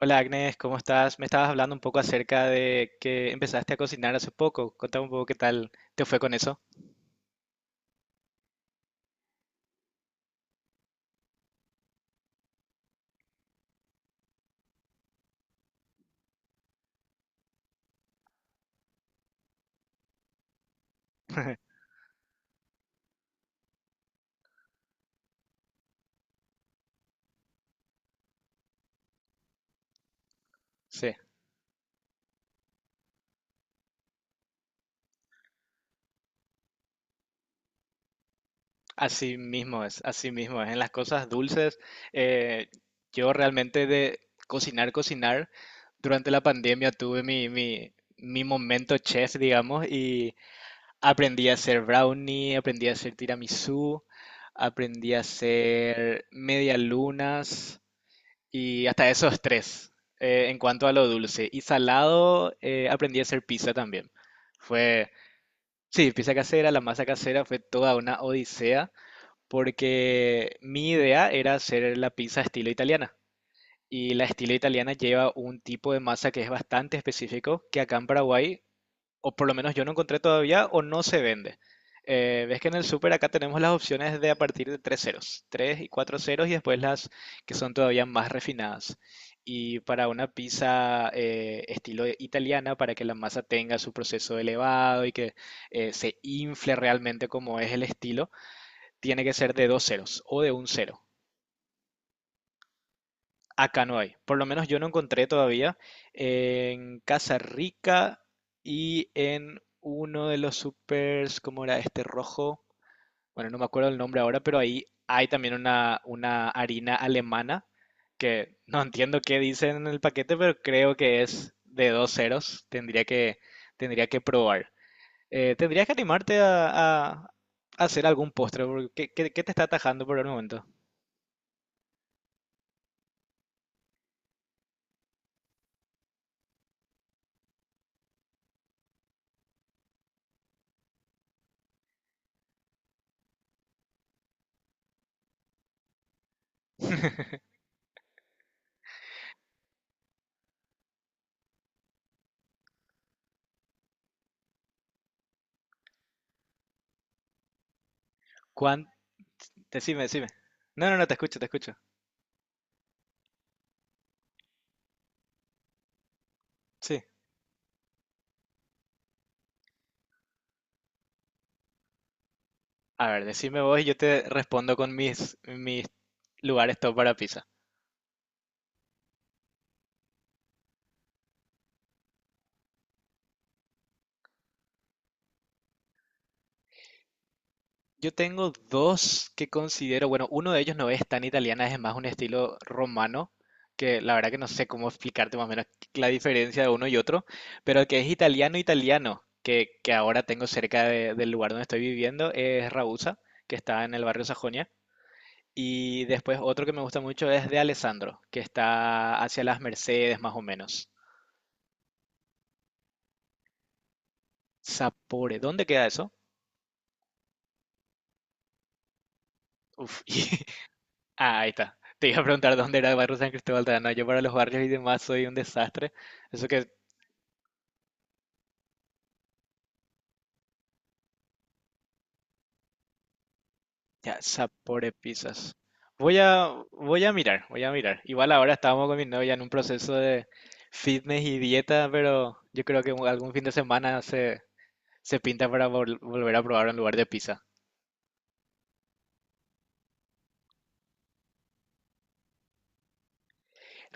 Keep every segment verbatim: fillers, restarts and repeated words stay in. Hola Agnes, ¿cómo estás? Me estabas hablando un poco acerca de que empezaste a cocinar hace poco. Contame un poco qué tal te fue con eso. Sí, así mismo es, así mismo es. En las cosas dulces, eh, yo realmente de cocinar, cocinar. Durante la pandemia tuve mi, mi, mi momento chef, digamos, y aprendí a hacer brownie, aprendí a hacer tiramisú, aprendí a hacer medialunas y hasta esos tres eh, en cuanto a lo dulce. Y salado, eh, aprendí a hacer pizza también. Fue, sí, pizza casera, la masa casera fue toda una odisea porque mi idea era hacer la pizza estilo italiana. Y la estilo italiana lleva un tipo de masa que es bastante específico, que acá en Paraguay, o por lo menos yo no encontré todavía, o no se vende. Eh, ves que en el súper acá tenemos las opciones de a partir de tres ceros, tres y cuatro ceros, y después las que son todavía más refinadas. Y para una pizza eh, estilo italiana, para que la masa tenga su proceso elevado y que eh, se infle realmente como es el estilo, tiene que ser de dos ceros o de un cero. Acá no hay. Por lo menos yo no encontré todavía. En Casa Rica y en uno de los supers, ¿cómo era este rojo? Bueno, no me acuerdo el nombre ahora, pero ahí hay también una, una harina alemana que no entiendo qué dicen en el paquete, pero creo que es de dos ceros. Tendría que, tendría que probar. Eh, tendrías que animarte a, a hacer algún postre, porque ¿qué, qué- qué te está atajando por el momento? ¿Cuán? Decime, decime. No, no, no, te escucho, te escucho. Sí. A ver, decime vos y yo te respondo con mis, mis lugares top para pizza. Yo tengo dos que considero, bueno, uno de ellos no es tan italiana, es más un estilo romano, que la verdad que no sé cómo explicarte más o menos la diferencia de uno y otro, pero que es italiano italiano, que, que ahora tengo cerca de- del lugar donde estoy viviendo, es Rabusa, que está en el barrio Sajonia. Y después otro que me gusta mucho es de Alessandro, que está hacia las Mercedes más o menos. Sapore, ¿dónde queda eso? Uf, ah, ahí está. Te iba a preguntar dónde era el barrio San Cristóbal de no, yo para los barrios y demás soy un desastre. Eso que ya, Saporepizas. Voy a, voy a mirar, voy a mirar. Igual ahora estábamos con mi novia en un proceso de fitness y dieta, pero yo creo que algún fin de semana se, se pinta para vol- volver a probar un lugar de pizza.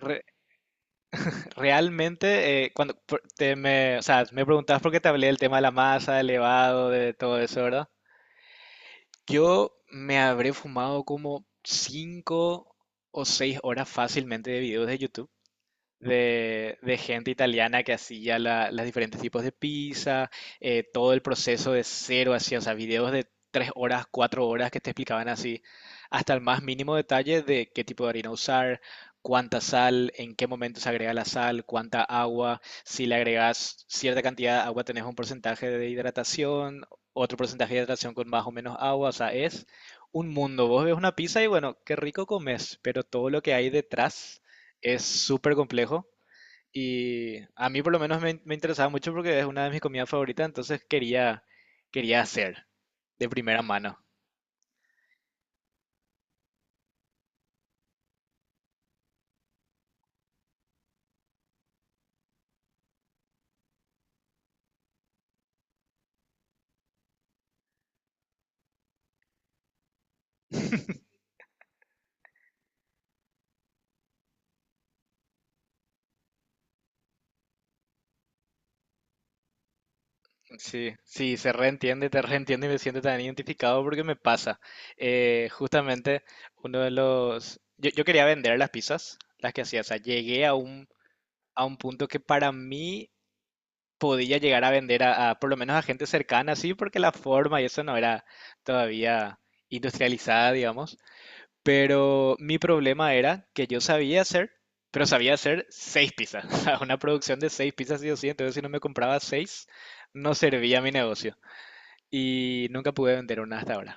Re- realmente, eh, cuando por- te me, o sea, me preguntabas por qué te hablé del tema de la masa, del elevado, de todo eso, ¿verdad? Yo me habré fumado como cinco o seis horas fácilmente de videos de YouTube de, de gente italiana que hacía la- las diferentes tipos de pizza, eh, todo el proceso de cero, hacía, o sea, videos de tres horas, cuatro horas que te explicaban así, hasta el más mínimo detalle de qué tipo de harina usar, cuánta sal, en qué momento se agrega la sal, cuánta agua, si le agregas cierta cantidad de agua tenés un porcentaje de hidratación, otro porcentaje de hidratación con más o menos agua, o sea, es un mundo. Vos ves una pizza y bueno, qué rico comes, pero todo lo que hay detrás es súper complejo y a mí por lo menos me, me interesaba mucho porque es una de mis comidas favoritas, entonces quería, quería hacer de primera mano. Sí, sí, se reentiende, te reentiende y me siento tan identificado porque me pasa. Eh, justamente uno de los... Yo, yo quería vender las pizzas, las que hacía, o sea, llegué a un, a un punto que para mí podía llegar a vender a, a por lo menos a gente cercana, sí, porque la forma y eso no era todavía industrializada, digamos. Pero mi problema era que yo sabía hacer, pero sabía hacer seis pizzas, o sea, una producción de seis pizzas sí o sí, entonces si no me compraba seis, no servía mi negocio. Y nunca pude vender una hasta ahora.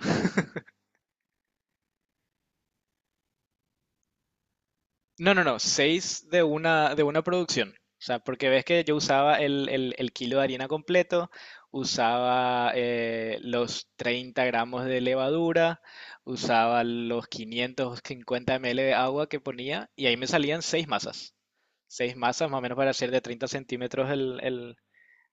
No, no, no, seis de una, de una producción. O sea, porque ves que yo usaba el, el- el kilo de harina completo, usaba eh, los treinta gramos de levadura, usaba los quinientos cincuenta ml de agua que ponía y ahí me salían seis masas. Seis masas más o menos para hacer de treinta centímetros el, el-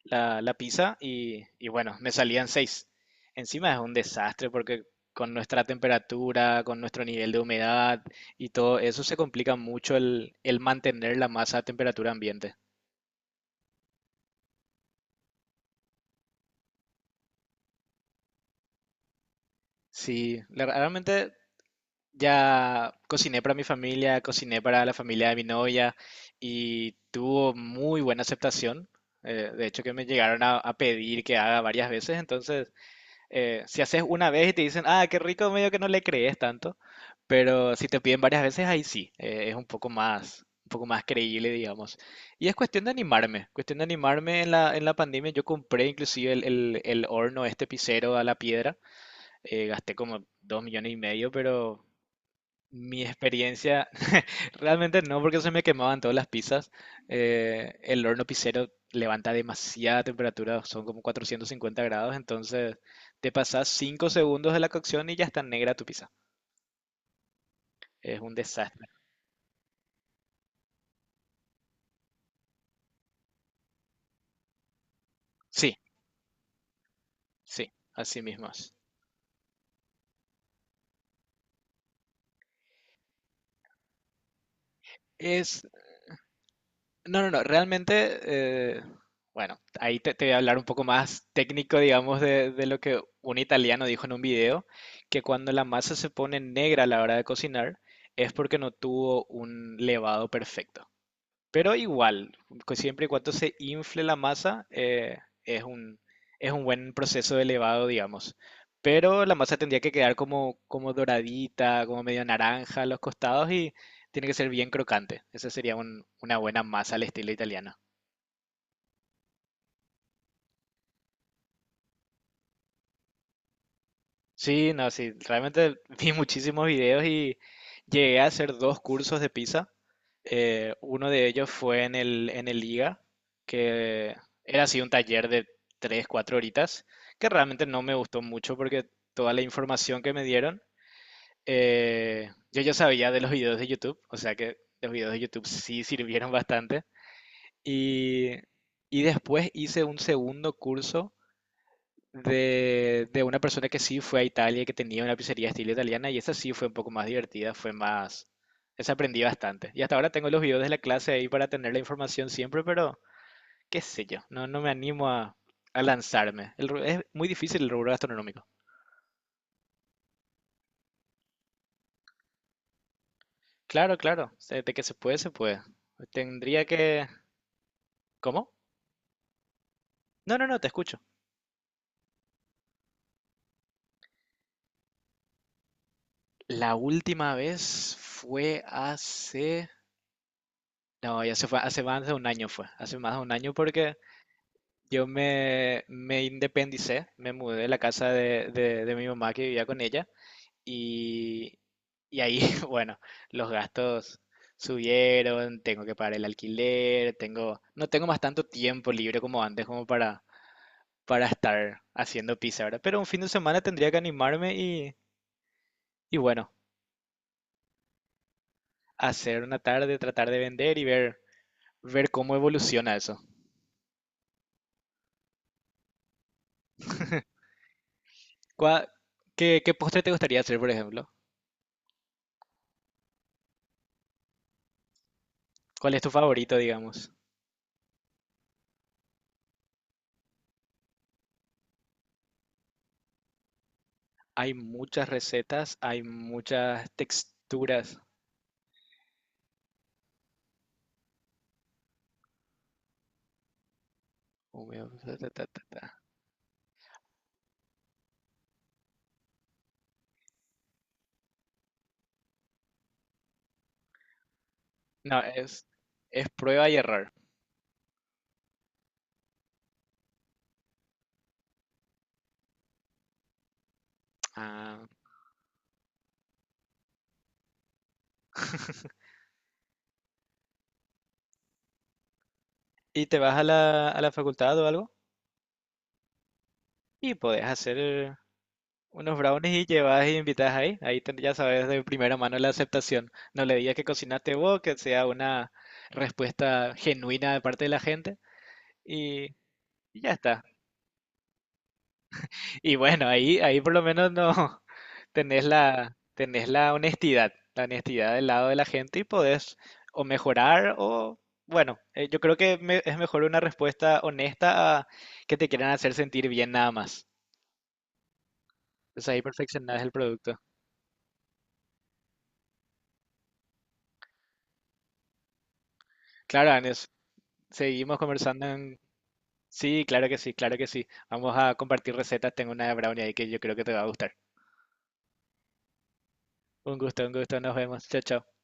la, la pizza y, y bueno, me salían seis. Encima es un desastre porque con nuestra temperatura, con nuestro nivel de humedad y todo eso se complica mucho el, el mantener la masa a temperatura ambiente. Sí, la- realmente ya cociné para mi familia, cociné para la familia de mi novia y tuvo muy buena aceptación. Eh, de hecho que me llegaron a, a pedir que haga varias veces, entonces Eh, si haces una vez y te dicen, ah, qué rico, medio que no le crees tanto, pero si te piden varias veces, ahí sí, eh, es un poco más, un poco más creíble, digamos. Y es cuestión de animarme, cuestión de animarme en la, en la pandemia. Yo compré inclusive el, el- el horno, este pisero a la piedra, eh, gasté como dos millones y medio, pero mi experiencia. Realmente no, porque se me quemaban todas las pizzas. Eh, el horno pizzero levanta demasiada temperatura, son como cuatrocientos cincuenta grados, entonces te pasas cinco segundos de la cocción y ya está negra tu pizza. Es un desastre. Sí, sí, así mismo es. Es, no, no, no, realmente, eh, bueno, ahí te, te voy a hablar un poco más técnico, digamos, de, de lo que un italiano dijo en un video, que cuando la masa se pone negra a la hora de cocinar es porque no tuvo un levado perfecto. Pero igual, cu- siempre y cuando se infle la masa, eh, es un, es un buen proceso de elevado, digamos. Pero la masa tendría que quedar como, como doradita, como medio naranja a los costados y tiene que ser bien crocante. Esa sería un- una buena masa al estilo italiano. Sí, no, sí, realmente vi muchísimos videos y llegué a hacer dos cursos de pizza. Eh, uno de ellos fue en el, en el I G A, que era así un taller de tres cuatro horitas, que realmente no me gustó mucho porque toda la información que me dieron, eh, yo ya sabía de los videos de YouTube, o sea que los videos de YouTube sí sirvieron bastante. Y, y después hice un segundo curso de, de una persona que sí fue a Italia, que tenía una pizzería estilo italiana, y esa sí fue un poco más divertida, fue más... Esa aprendí bastante. Y hasta ahora tengo los videos de la clase ahí para tener la información siempre, pero qué sé yo, no, no me animo a, a lanzarme. El ru- es muy difícil el rubro gastronómico. Claro, claro, se- de que se puede, se puede. Tendría que... ¿Cómo? No, no, no, te escucho. La última vez fue hace... No, ya se fue, hace más de un año fue, hace más de un año porque yo me, me independicé, me mudé de la casa de, de- de mi mamá que vivía con ella y, y ahí, bueno, los gastos subieron, tengo que pagar el alquiler, tengo, no tengo más tanto tiempo libre como antes como para, para estar haciendo pizza, ¿verdad? Pero un fin de semana tendría que animarme y, y bueno, hacer una tarde, tratar de vender y ver, ver cómo evoluciona eso. ¿Cuá- ¿Qué, qué postre te gustaría hacer, por ejemplo? ¿Cuál es tu favorito, digamos? Hay muchas recetas, hay muchas texturas. Húmedo, ta, ta, ta, ta, ta. No, es, es prueba y error. Ah. ¿Y te vas a la, a la facultad o algo? Y podés hacer unos brownies y llevas y invitas ahí. Ahí ten- ya sabes de primera mano la aceptación. No le digas que cocinaste vos, que sea una respuesta genuina de parte de la gente. Y y ya está. Y bueno, ahí, ahí por lo menos no tenés la, tenés la honestidad, la honestidad del lado de la gente y podés o mejorar o, bueno, eh, yo creo que me- es mejor una respuesta honesta a que te quieran hacer sentir bien nada más. Entonces ahí perfeccionás el producto. Claro, Anes, seguimos conversando en... Sí, claro que sí, claro que sí. Vamos a compartir recetas. Tengo una de brownie ahí que yo creo que te va a gustar. Un gusto, un gusto. Nos vemos. Chao, chao.